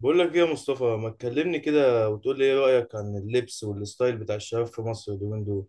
بقول لك ايه يا مصطفى؟ ما تكلمني كده وتقول لي ايه رأيك عن اللبس والستايل بتاع الشباب في مصر اليومين دول.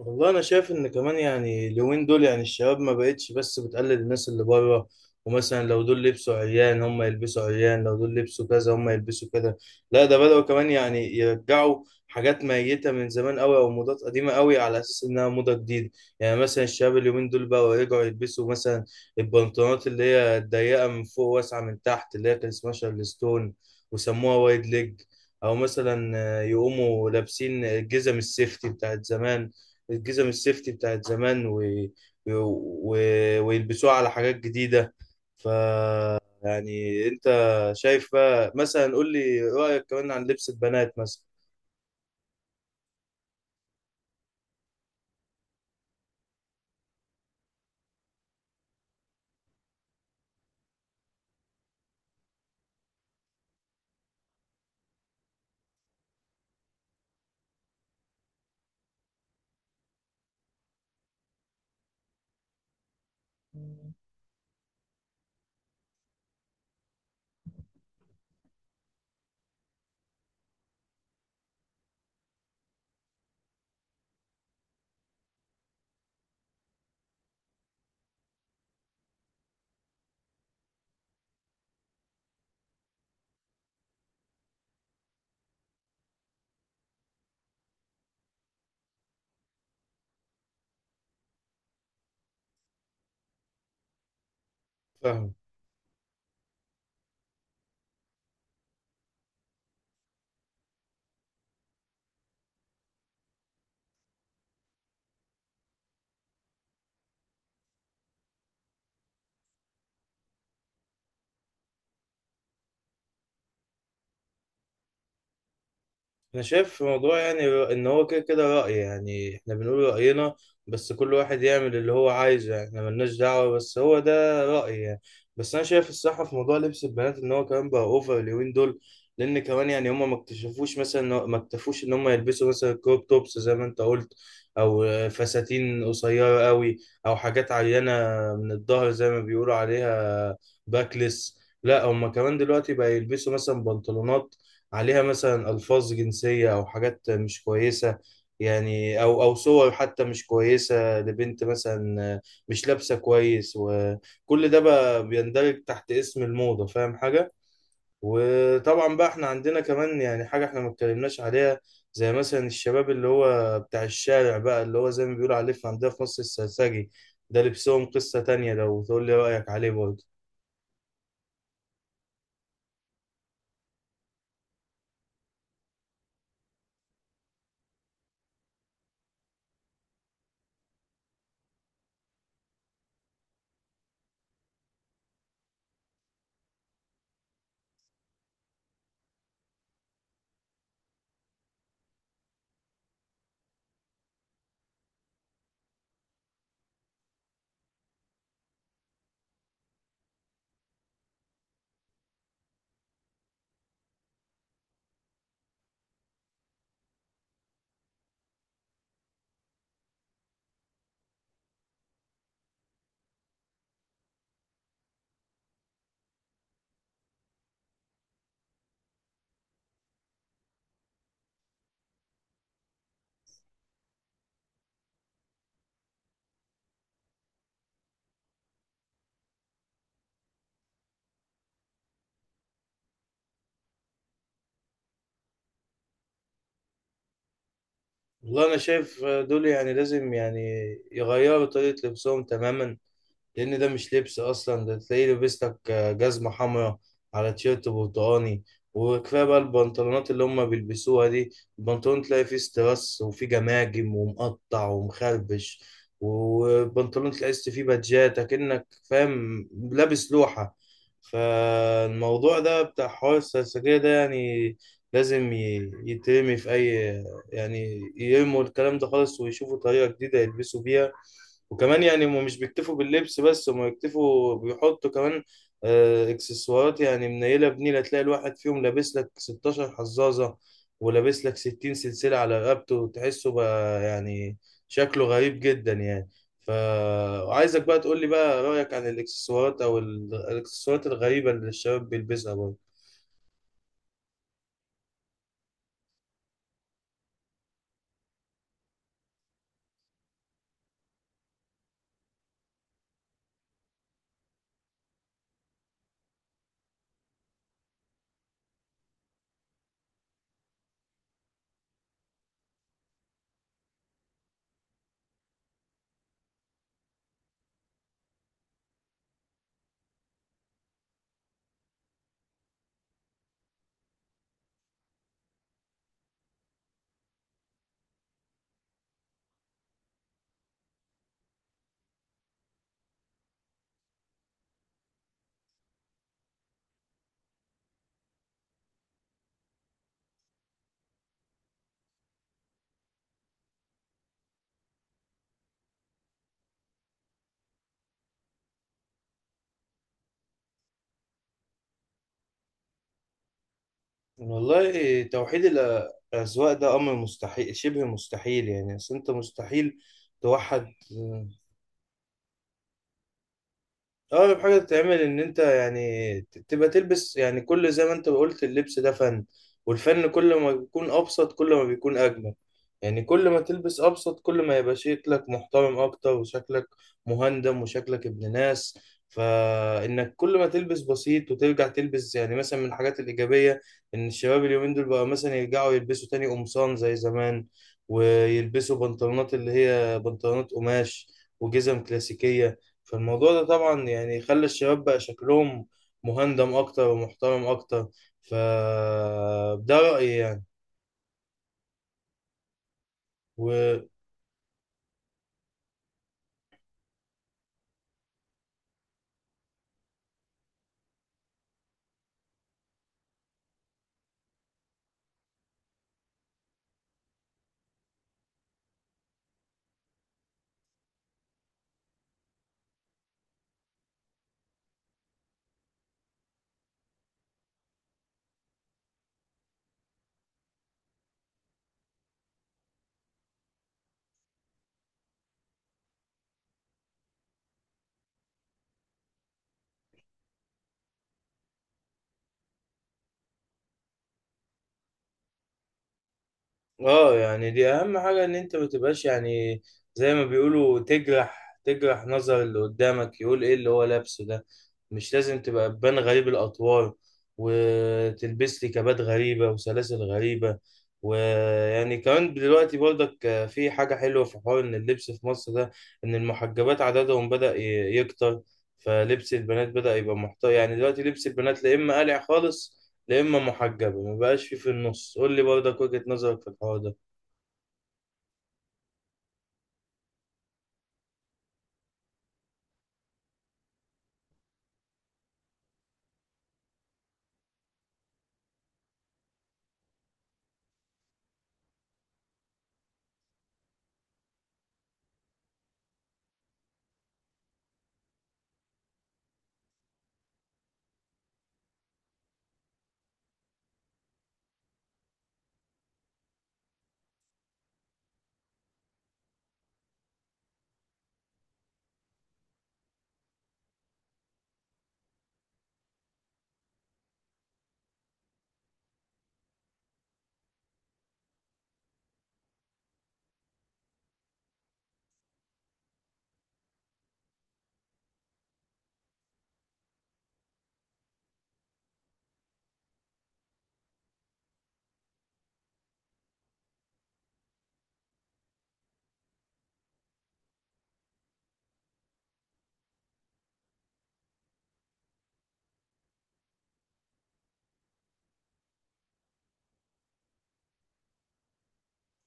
والله انا شايف ان كمان يعني اليومين دول يعني الشباب ما بقتش بس بتقلد الناس اللي بره. ومثلا لو دول لبسوا عيان هم يلبسوا عيان، لو دول لبسوا كذا هم يلبسوا كده. لا ده بدأوا كمان يعني يرجعوا حاجات ميتة من زمان قوي او موضات قديمة قوي على اساس انها موضة جديدة. يعني مثلا الشباب اليومين دول بقوا يرجعوا يلبسوا مثلا البنطلونات اللي هي الضيقة من فوق واسعة من تحت اللي هي كان اسمها شارلستون وسموها وايد ليج. او مثلا يقوموا لابسين الجزم السيفتي بتاعت زمان. الجزم السيفتي بتاعت زمان و... و... ويلبسوها على حاجات جديدة. ف يعني انت شايف بقى، مثلا قول لي رأيك كمان عن لبس البنات مثلا. فاهم. انا شايف في موضوع يعني ان هو كده كده رأي، يعني احنا بنقول رأينا بس كل واحد يعمل اللي هو عايزه. يعني احنا ملناش دعوة بس هو ده رأيي يعني. بس انا شايف الصح في موضوع لبس البنات ان هو كمان بقى اوفر اليومين دول. لان كمان يعني هم ما اكتشفوش مثلا ما اكتفوش ان هم يلبسوا مثلا كروب توبس زي ما انت قلت، او فساتين قصيرة قوي، او حاجات عينة من الظهر زي ما بيقولوا عليها باكلس. لا هم كمان دلوقتي بقى يلبسوا مثلا بنطلونات عليها مثلا ألفاظ جنسية أو حاجات مش كويسة، يعني أو أو صور حتى مش كويسة لبنت مثلا مش لابسة كويس. وكل ده بقى بيندرج تحت اسم الموضة، فاهم حاجة؟ وطبعا بقى احنا عندنا كمان يعني حاجة احنا ما اتكلمناش عليها، زي مثلا الشباب اللي هو بتاع الشارع بقى اللي هو زي ما بيقولوا عليه في عندنا في مصر السرسجي. ده لبسهم قصة تانية، لو تقول لي رأيك عليه برضه. والله أنا شايف دول يعني لازم يعني يغيروا طريقة لبسهم تماما. لان ده مش لبس اصلا. ده تلاقيه لابس لك جزمه حمراء على تيشيرت برتقاني. وكفايه بقى البنطلونات اللي هم بيلبسوها دي. البنطلون تلاقي فيه استرس وفيه جماجم ومقطع ومخربش. والبنطلون تلاقي فيه بادجات اكنك فاهم لابس لوحه. فالموضوع ده بتاع حوار السرسجية ده يعني لازم يترمي في أي، يعني يرموا الكلام ده خالص ويشوفوا طريقة جديدة يلبسوا بيها. وكمان يعني هم مش بيكتفوا باللبس بس، هم بيكتفوا بيحطوا كمان اكسسوارات. يعني منيلة بنيلة، تلاقي الواحد فيهم لابس لك 16 حزازة ولابس لك 60 سلسلة على رقبته. تحسه بقى يعني شكله غريب جدا يعني. فعايزك بقى تقول لي بقى رأيك عن الاكسسوارات او الاكسسوارات الغريبة اللي الشباب بيلبسها برضه. والله توحيد الأذواق ده أمر مستحيل، شبه مستحيل. يعني أصل أنت مستحيل توحد. اغرب حاجه تتعمل ان انت يعني تبقى تلبس، يعني كل زي ما انت قلت اللبس ده فن. والفن كل ما بيكون ابسط كل ما بيكون اجمل. يعني كل ما تلبس ابسط كل ما يبقى شكلك محترم اكتر، وشكلك مهندم وشكلك ابن ناس. فانك كل ما تلبس بسيط وترجع تلبس، يعني مثلا من الحاجات الايجابيه ان الشباب اليومين دول بقى مثلا يرجعوا يلبسوا تاني قمصان زي زمان، ويلبسوا بنطلونات اللي هي بنطلونات قماش، وجزم كلاسيكيه. فالموضوع ده طبعا يعني خلى الشباب بقى شكلهم مهندم اكتر ومحترم اكتر. فده رأيي يعني. و... اه يعني دي اهم حاجة، ان انت ما تبقاش يعني زي ما بيقولوا تجرح تجرح نظر اللي قدامك يقول ايه اللي هو لابسه ده. مش لازم تبقى تبان غريب الاطوار وتلبس لي كبات غريبة وسلاسل غريبة. ويعني كمان دلوقتي برضك في حاجة حلوة في حوار ان اللبس في مصر ده، ان المحجبات عددهم بدأ يكتر. فلبس البنات بدأ يبقى محتار، يعني دلوقتي لبس البنات لا اما قلع خالص لا اما محجبه، ما بقاش في في النص. قول لي برضك وجهة نظرك في الحوار ده.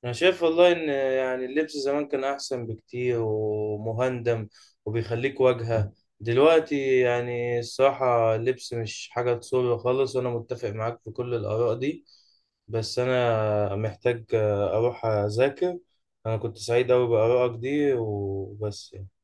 انا شايف والله ان يعني اللبس زمان كان احسن بكتير ومهندم وبيخليك واجهة. دلوقتي يعني الصراحة اللبس مش حاجة تسر خالص، وانا متفق معاك في كل الاراء دي. بس انا محتاج اروح اذاكر. انا كنت سعيد اوي بارائك دي وبس يعني.